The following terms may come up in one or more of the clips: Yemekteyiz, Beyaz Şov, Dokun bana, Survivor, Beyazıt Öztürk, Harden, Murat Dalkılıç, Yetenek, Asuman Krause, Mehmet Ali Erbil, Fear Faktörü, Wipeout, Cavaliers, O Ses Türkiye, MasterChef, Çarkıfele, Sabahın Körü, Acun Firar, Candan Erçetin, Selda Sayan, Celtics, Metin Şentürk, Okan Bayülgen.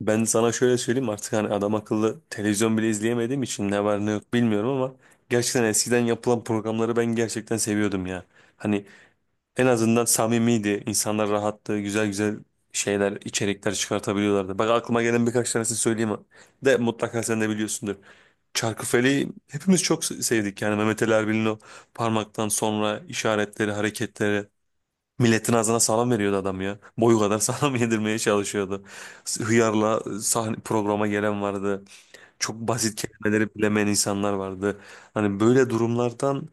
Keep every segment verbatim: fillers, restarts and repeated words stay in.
Ben sana şöyle söyleyeyim artık hani adam akıllı televizyon bile izleyemediğim için ne var ne yok bilmiyorum ama gerçekten eskiden yapılan programları ben gerçekten seviyordum ya. Hani en azından samimiydi, insanlar rahattı, güzel güzel şeyler, içerikler çıkartabiliyorlardı. Bak aklıma gelen birkaç tanesini söyleyeyim de mutlaka sen de biliyorsundur. Çarkıfele'yi hepimiz çok sevdik, yani Mehmet Ali Erbil'in o parmaktan sonra işaretleri, hareketleri. Milletin ağzına salam veriyordu adam ya. Boyu kadar salam yedirmeye çalışıyordu. S- Hıyarla sahne programa gelen vardı. Çok basit kelimeleri bilemeyen insanlar vardı. Hani böyle durumlardan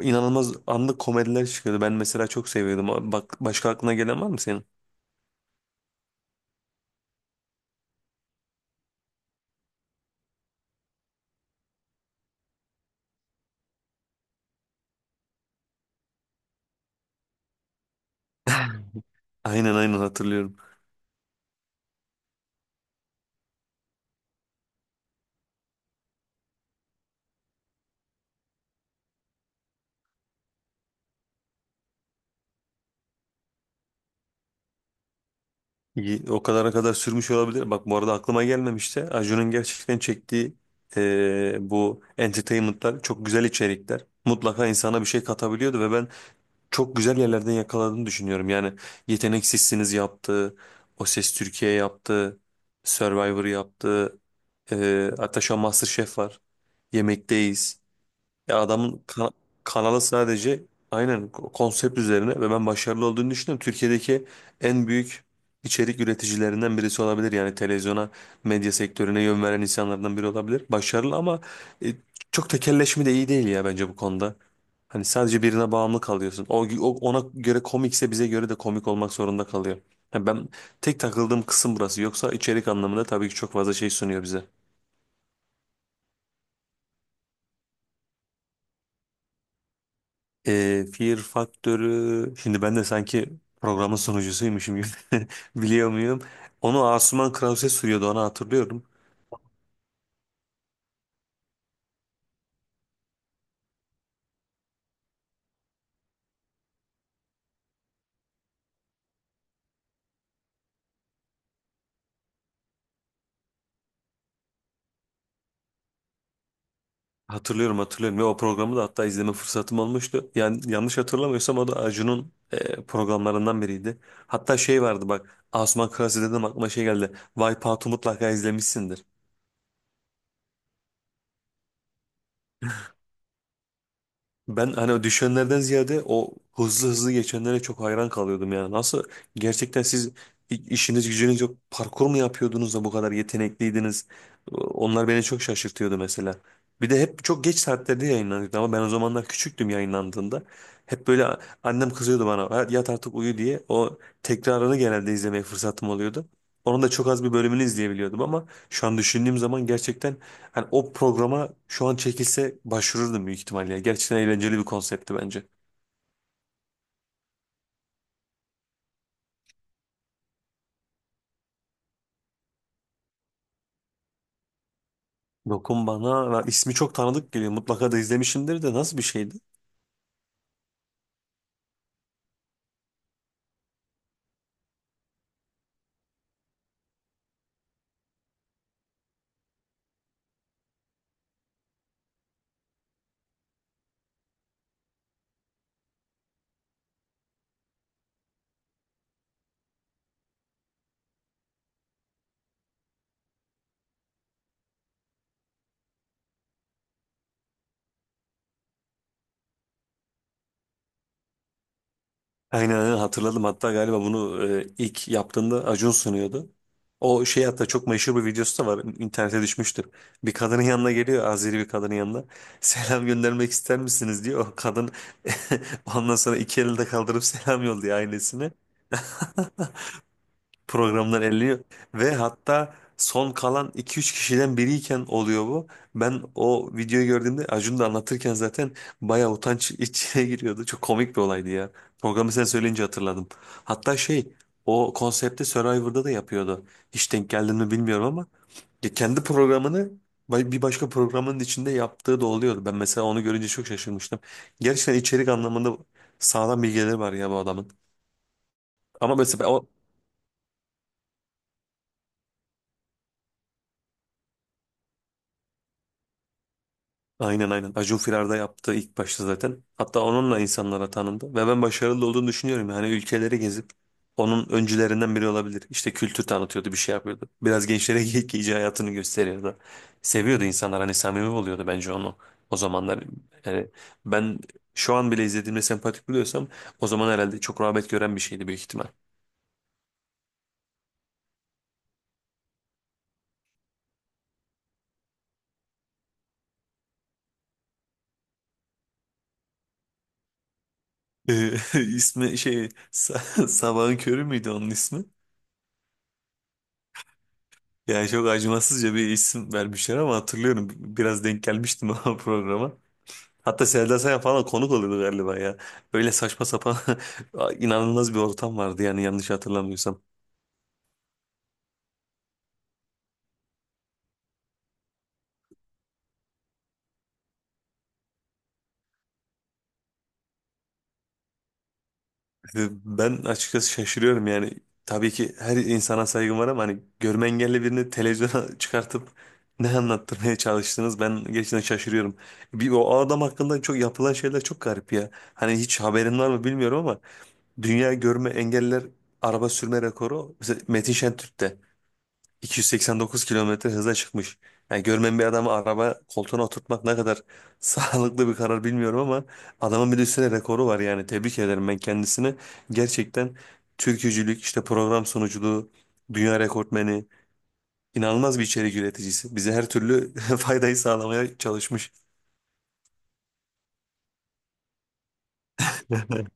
e, inanılmaz anlık komediler çıkıyordu. Ben mesela çok seviyordum. Bak başka aklına gelen var mı senin? Aynen, aynen, hatırlıyorum. İyi, O kadara kadar sürmüş olabilir. Bak bu arada aklıma gelmemişti. Acun'un gerçekten çektiği eee, bu entertainment'lar çok güzel içerikler. Mutlaka insana bir şey katabiliyordu ve ben çok güzel yerlerden yakaladığını düşünüyorum. Yani Yetenek yaptı, O Ses Türkiye yaptı, Survivor yaptı, e, hatta şu an MasterChef var, Yemekteyiz. Ya adamın kan- kanalı sadece aynen ko- konsept üzerine ve ben başarılı olduğunu düşünüyorum. Türkiye'deki en büyük içerik üreticilerinden birisi olabilir. Yani televizyona, medya sektörüne yön veren insanlardan biri olabilir. Başarılı ama e, çok tekelleşme de iyi değil ya bence bu konuda. Hani sadece birine bağımlı kalıyorsun. O, o- ona göre komikse bize göre de komik olmak zorunda kalıyor. Yani ben tek takıldığım kısım burası. Yoksa içerik anlamında tabii ki çok fazla şey sunuyor bize. E, Fear Faktörü şimdi ben de sanki programın sunucusuymuşum gibi biliyor muyum? Onu Asuman Krause sürüyordu, onu hatırlıyorum. Hatırlıyorum, hatırlıyorum ve o programı da hatta izleme fırsatım olmuştu. Yani yanlış hatırlamıyorsam o da Acun'un e, programlarından biriydi. Hatta şey vardı, bak Asuman Krause dedim aklıma şey geldi. Wipeout'u mutlaka izlemişsindir. Ben hani o düşenlerden ziyade o hızlı hızlı geçenlere çok hayran kalıyordum ya. Nasıl gerçekten siz i- işiniz gücünüz yok, parkur mu yapıyordunuz da bu kadar yetenekliydiniz? Onlar beni çok şaşırtıyordu mesela. Bir de hep çok geç saatlerde yayınlanıyordu ama ben o zamanlar küçüktüm yayınlandığında. Hep böyle a- annem kızıyordu bana, "Ha, yat artık uyu" diye. O tekrarını genelde izlemeye fırsatım oluyordu. Onun da çok az bir bölümünü izleyebiliyordum ama şu an düşündüğüm zaman gerçekten Hani o programa şu an çekilse başvururdum büyük ihtimalle ya. Gerçekten eğlenceli bir konseptti bence. Dokun bana. Lan ismi çok tanıdık geliyor. Mutlaka da izlemişimdir de, nasıl bir şeydi? Aynen, aynen hatırladım. Hatta galiba bunu e, ilk yaptığında Acun sunuyordu. O şey hatta, çok meşhur bir videosu da var. İnternete düşmüştür. Bir kadının yanına geliyor. Azeri bir kadının yanına. Selam göndermek ister misiniz, diyor. O kadın ondan sonra iki elinde kaldırıp selam yolluyor ailesine. programdan eleniyor ve hatta son kalan iki üç kişiden biriyken oluyor bu. Ben o videoyu gördüğümde, Acun da anlatırken zaten bayağı utanç içine giriyordu. Çok komik bir olaydı ya. Programı sen söyleyince hatırladım. Hatta şey, o konsepti Survivor'da da yapıyordu. Hiç denk geldin mi bilmiyorum ama ya kendi programını ba- bir başka programın içinde yaptığı da oluyordu. Ben mesela onu görünce çok şaşırmıştım. Gerçekten içerik anlamında sağlam bilgileri var ya bu adamın. Ama mesela o. Aynen, aynen. Acun Firar'da yaptığı ilk başta zaten. Hatta onunla insanlara tanındı. Ve ben başarılı olduğunu düşünüyorum. Yani ülkeleri gezip onun öncülerinden biri olabilir. İşte kültür tanıtıyordu, bir şey yapıyordu. Biraz gençlere ge- hayatını gösteriyordu. Seviyordu insanlar. Hani samimi oluyordu bence onu. O zamanlar yani ben şu an bile izlediğimde sempatik buluyorsam, o zaman herhalde çok rağbet gören bir şeydi büyük ihtimal. Ee, ismi şey, Sa- Sabahın Körü müydü onun ismi? Yani çok acımasızca bir isim vermişler ama hatırlıyorum, biraz denk gelmiştim o programa. Hatta Selda Sayan falan konuk oluyordu galiba ya. Öyle saçma sapan inanılmaz bir ortam vardı yani yanlış hatırlamıyorsam. Ben açıkçası şaşırıyorum yani. Tabii ki her insana saygım var ama hani görme engelli birini televizyona çıkartıp ne anlattırmaya çalıştınız, ben gerçekten şaşırıyorum. Bir, o adam hakkında çok yapılan şeyler çok garip ya. Hani hiç haberin var mı bilmiyorum ama dünya görme engeller araba sürme rekoru mesela Metin Şentürk'te, iki yüz seksen dokuz kilometre hıza çıkmış. Yani görmeyen bir adamı araba koltuğuna oturtmak ne kadar sağlıklı bir karar bilmiyorum ama adamın bir de üstüne rekoru var, yani tebrik ederim ben kendisini. Gerçekten türkücülük, işte program sunuculuğu, dünya rekortmeni, inanılmaz bir içerik üreticisi. Bize her türlü faydayı sağlamaya çalışmış.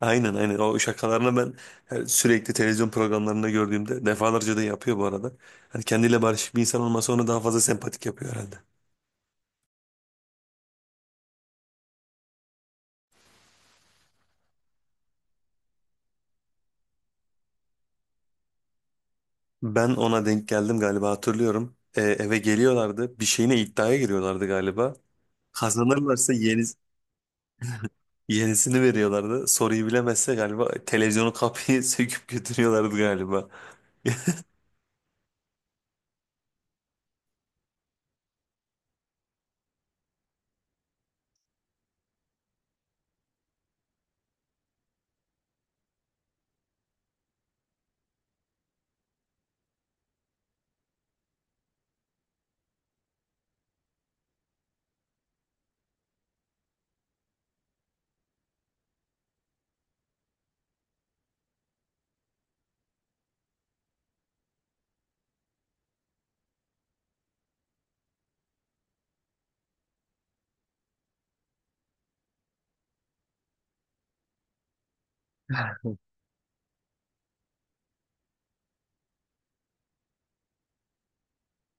Aynen, aynen o şakalarını ben, yani sürekli televizyon programlarında gördüğümde defalarca da yapıyor bu arada. Hani kendiyle barışık bir insan olmasa onu daha fazla sempatik yapıyor herhalde. Ben ona denk geldim galiba, hatırlıyorum. Ee, eve geliyorlardı, bir şeyine iddiaya giriyorlardı galiba. Kazanırlarsa yeni, yenisini veriyorlardı. Soruyu bilemezse galiba televizyonu, kapıyı söküp götürüyorlardı galiba.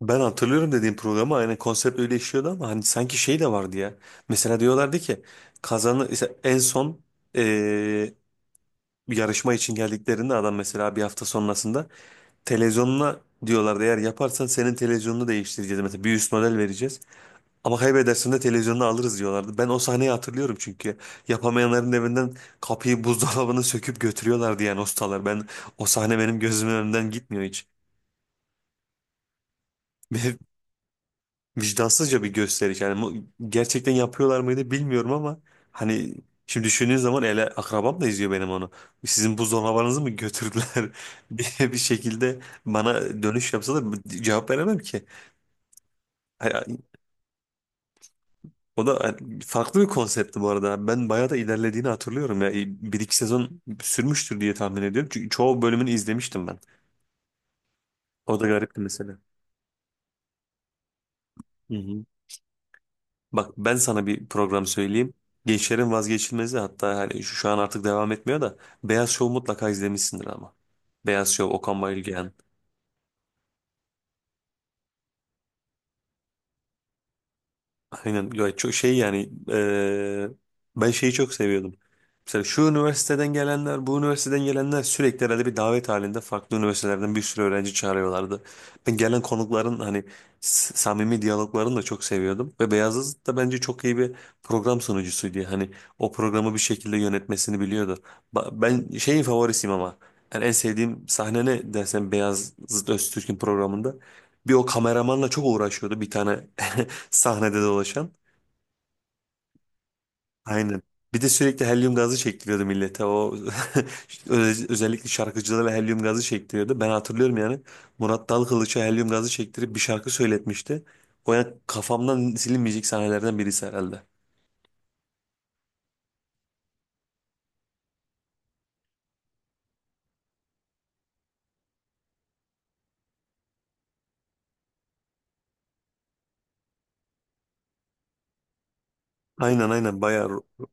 Ben hatırlıyorum, dediğim programı aynen konsept öyle işliyordu ama hani sanki şey de vardı ya. Mesela diyorlardı ki kazanı işte en son, eee, bir yarışma için geldiklerinde adam mesela bir hafta sonrasında televizyonuna diyorlardı, eğer yaparsan senin televizyonunu değiştireceğiz, mesela bir üst model vereceğiz. Ama kaybedersen de televizyonunu alırız diyorlardı. Ben o sahneyi hatırlıyorum çünkü yapamayanların evinden kapıyı, buzdolabını söküp götürüyorlardı yani ustalar. Ben o sahne benim gözümün önünden gitmiyor hiç. Vicdansızca bir gösteriş. Yani mu- gerçekten yapıyorlar mıydı bilmiyorum ama hani şimdi düşündüğün zaman ele akrabam da izliyor benim onu. Sizin buzdolabınızı mı götürdüler diye bir şekilde bana dönüş yapsa da cevap veremem ki. Hani O da farklı bir konseptti bu arada. Ben bayağı da ilerlediğini hatırlıyorum ya. Bir iki sezon sürmüştür diye tahmin ediyorum. Çünkü çoğu bölümünü izlemiştim ben. O da garipti mesela. Hı hı. Bak ben sana bir program söyleyeyim. Gençlerin vazgeçilmezi, hatta hani şu, şu an artık devam etmiyor da, Beyaz Şov mutlaka izlemişsindir ama. Beyaz Şov, Okan Bayülgen. Aynen ya, çok şey yani eee, ben şeyi çok seviyordum. Mesela şu üniversiteden gelenler, bu üniversiteden gelenler, sürekli herhalde bir davet halinde farklı üniversitelerden bir sürü öğrenci çağırıyorlardı. Ben gelen konukların hani s- samimi diyaloglarını da çok seviyordum. Ve Beyazıt da bence çok iyi bir program sunucusuydu. Hani o programı bir şekilde yönetmesini biliyordu. Ba- Ben şeyin favorisiyim ama yani en sevdiğim sahne ne dersen Beyazıt Öztürk'ün programında. Bir o kameramanla çok uğraşıyordu, bir tane sahnede dolaşan. Aynen. Bir de sürekli helyum gazı çektiriyordu millete. O öz- özellikle şarkıcılara helyum gazı çektiriyordu. Ben hatırlıyorum yani. Murat Dalkılıç'a helyum gazı çektirip bir şarkı söyletmişti. O yani kafamdan silinmeyecek sahnelerden birisi herhalde. Aynen, aynen bayağı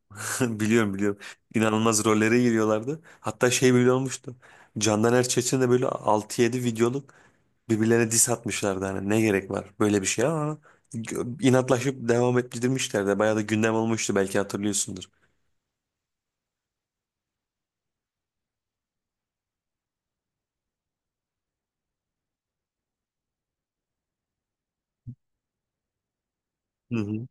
ro- biliyorum, biliyorum. İnanılmaz rollere giriyorlardı. Hatta şey bile olmuştu. Candan Erçetin de böyle altı yedi videoluk birbirlerine diss atmışlardı. Hani ne gerek var böyle bir şeye ama gö- inatlaşıp devam ettirmişlerdi. Bayağı da gündem olmuştu, belki hatırlıyorsundur. Hı hı.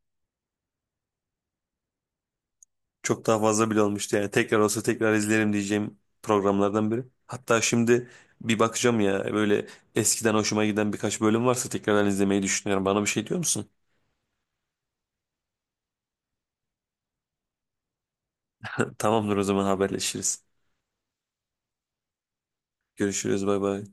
Çok daha fazla bile olmuştu yani. Tekrar olsa tekrar izlerim diyeceğim programlardan biri. Hatta şimdi bir bakacağım ya, böyle eskiden hoşuma giden birkaç bölüm varsa tekrardan izlemeyi düşünüyorum. Bana bir şey diyor musun? Tamamdır, o zaman haberleşiriz. Görüşürüz, bay bay.